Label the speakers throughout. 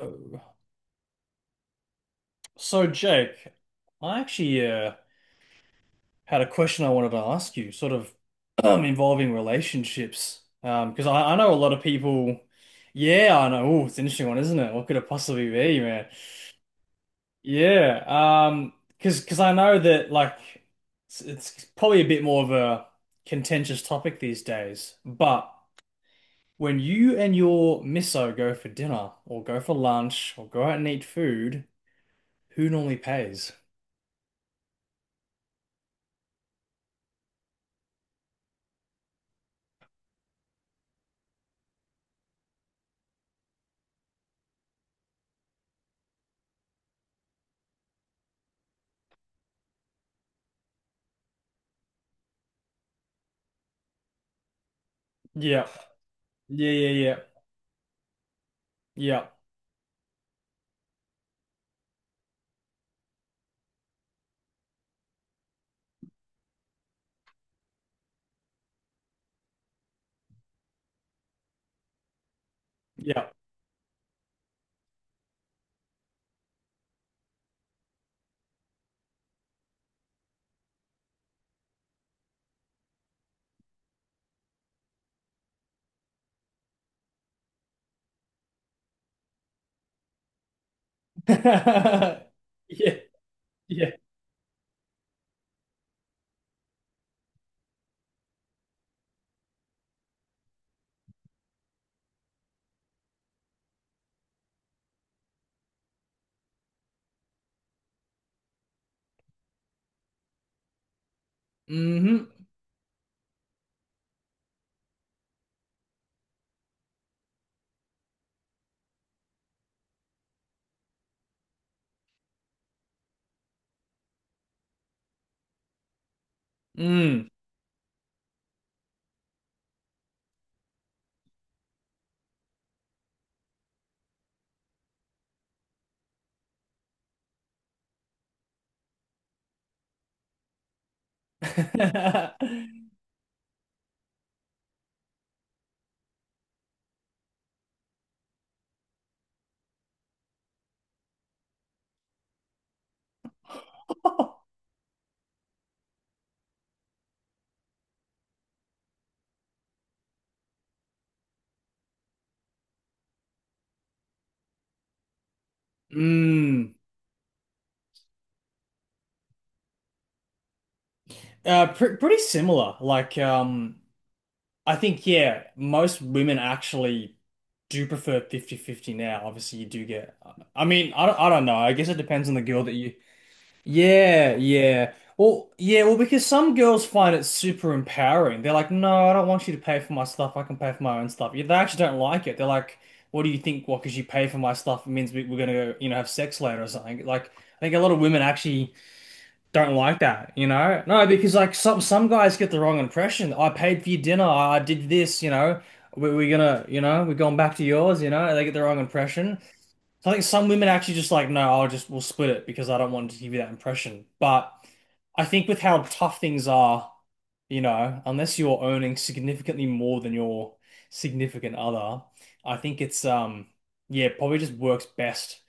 Speaker 1: Oh. So, Jake, I actually had a question I wanted to ask you, sort of involving relationships. Because I know a lot of people, yeah, I know. Oh, it's an interesting one, isn't it? What could it possibly be, man? Yeah, because I know that like it's probably a bit more of a contentious topic these days. But when you and your misso go for dinner or go for lunch or go out and eat food, who normally pays? Yeah, yeah, yeah, yeah. Yeah. Yeah. Yeah. Yeah. hmm Mm. Mm. Pr Pretty similar. Like, I think, yeah, most women actually do prefer 50-50 now. Obviously, you do get, I mean, I don't know. I guess it depends on the girl that you— Yeah, yeah. Well, yeah, well, because some girls find it super empowering. They're like, no, I don't want you to pay for my stuff. I can pay for my own stuff. Yeah, they actually don't like it. They're like, what do you think? What, because you pay for my stuff, it means we're gonna, you know, have sex later or something. Like, I think a lot of women actually don't like that, you know? No, because like some guys get the wrong impression. I paid for your dinner. I did this, you know. We're gonna, you know, we're going back to yours, you know. They get the wrong impression. So I think some women actually just like, no, I'll just we'll split it because I don't want to give you that impression. But I think with how tough things are, you know, unless you're earning significantly more than your significant other, I think it's yeah, probably just works best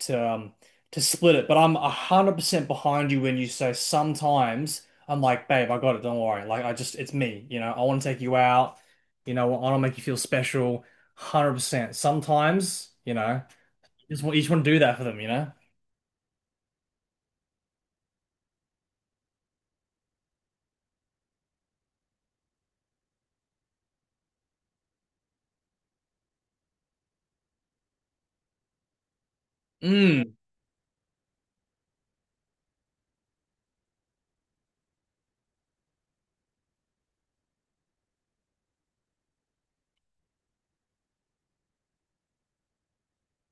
Speaker 1: to to split it. But I'm 100% behind you when you say sometimes I'm like, babe, I got it, don't worry. Like I just it's me, you know, I want to take you out, you know, I want to make you feel special, 100%. Sometimes, you know. You just want to do that for them, you know? Mm.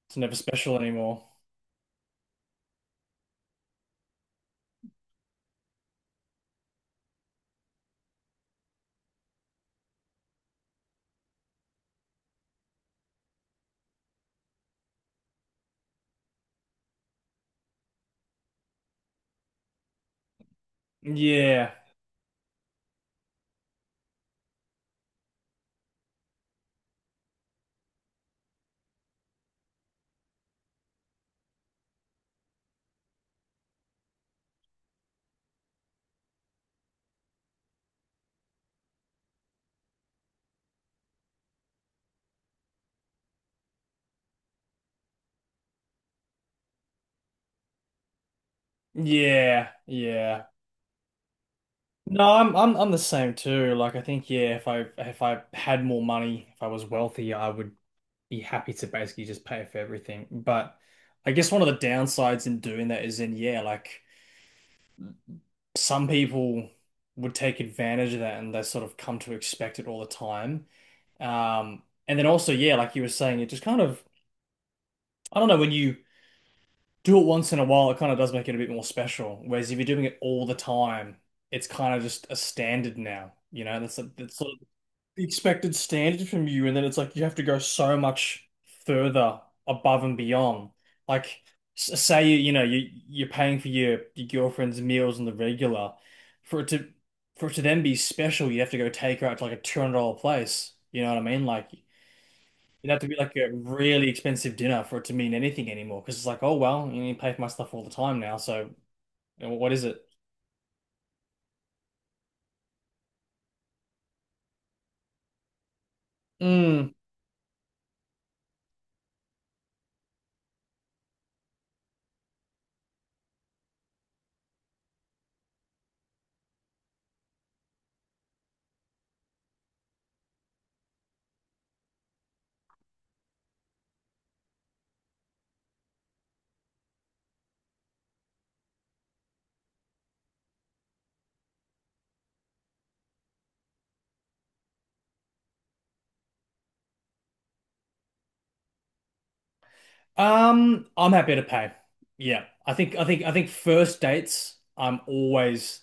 Speaker 1: It's never special anymore. Yeah. Yeah. Yeah. No, I'm I'm the same too. Like I think yeah, if I had more money, if I was wealthy, I would be happy to basically just pay for everything. But I guess one of the downsides in doing that is in yeah, like some people would take advantage of that and they sort of come to expect it all the time. And then also, yeah, like you were saying, it just kind of, I don't know, when you do it once in a while, it kind of does make it a bit more special. Whereas if you're doing it all the time, it's kind of just a standard now. You know, that's sort of the expected standard from you, and then it's like you have to go so much further above and beyond. Like, s- say you you know you're paying for your girlfriend's meals on the regular, for it to for it to then be special, you have to go take her out to like a $200 place. You know what I mean? Like. It'd have to be like a really expensive dinner for it to mean anything anymore. Because it's like, oh well, you pay for my stuff all the time now. So you know, what is it? Mm. I'm happy to pay. Yeah, I think I think first dates, I'm always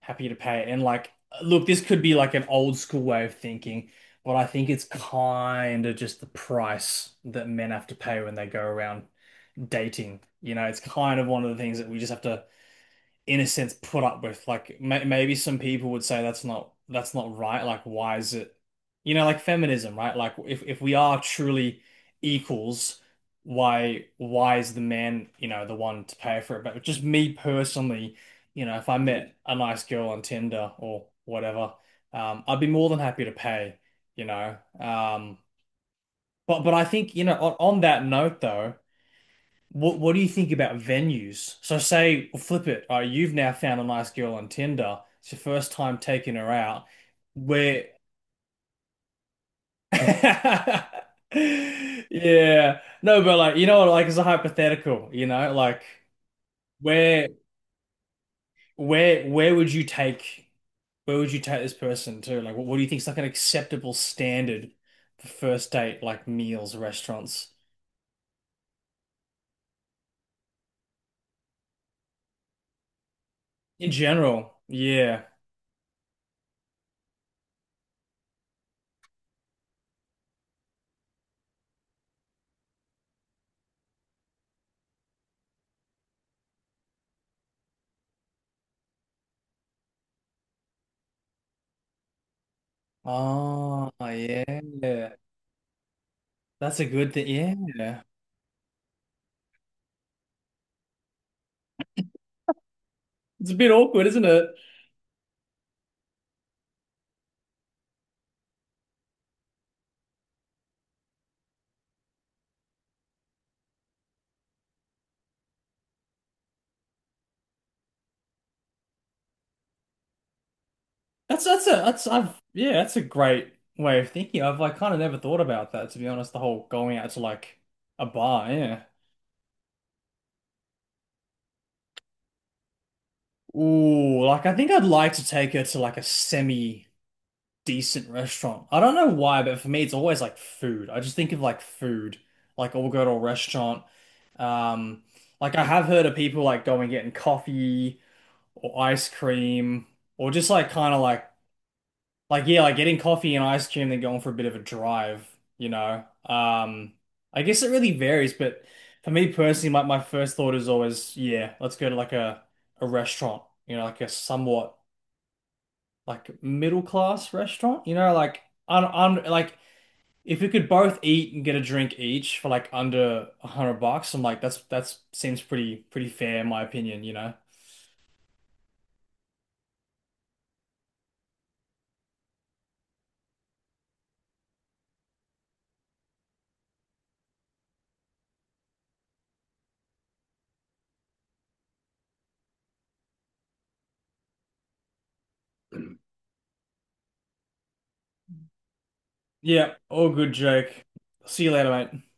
Speaker 1: happy to pay. And like, look, this could be like an old school way of thinking, but I think it's kind of just the price that men have to pay when they go around dating. You know, it's kind of one of the things that we just have to in a sense put up with. Like maybe some people would say that's not right. Like why is it, you know, like feminism, right? Like if we are truly equals, why is the man, you know, the one to pay for it? But just me personally, you know, if I met a nice girl on Tinder or whatever, I'd be more than happy to pay, you know. But I think, you know, on that note though, what do you think about venues? So say, well, flip it. You've now found a nice girl on Tinder. It's your first time taking her out. Where— Yeah. No, but like you know what, like it's a hypothetical, you know, like where where would you take this person to? Like what do you think is like an acceptable standard for first date, like meals, restaurants in general? Yeah. Oh, yeah. That's a good thing. Yeah. It's a bit awkward, isn't it? That's I've, yeah, that's a great way of thinking. I've like kind of never thought about that, to be honest, the whole going out to like a bar, yeah. Ooh, like I think I'd like to take her to like a semi decent restaurant. I don't know why, but for me it's always like food. I just think of like food. Like oh, we'll go to a restaurant. Um like I have heard of people like going getting coffee or ice cream or just like kind of like— Like yeah, like getting coffee and ice cream, then going for a bit of a drive, you know. I guess it really varies, but for me personally, my first thought is always, yeah, let's go to like a restaurant, you know, like a somewhat like middle class restaurant, you know, like on like if we could both eat and get a drink each for like under 100 bucks, I'm like that's seems pretty pretty fair in my opinion, you know. Yeah, all good, Jake. See you later, mate.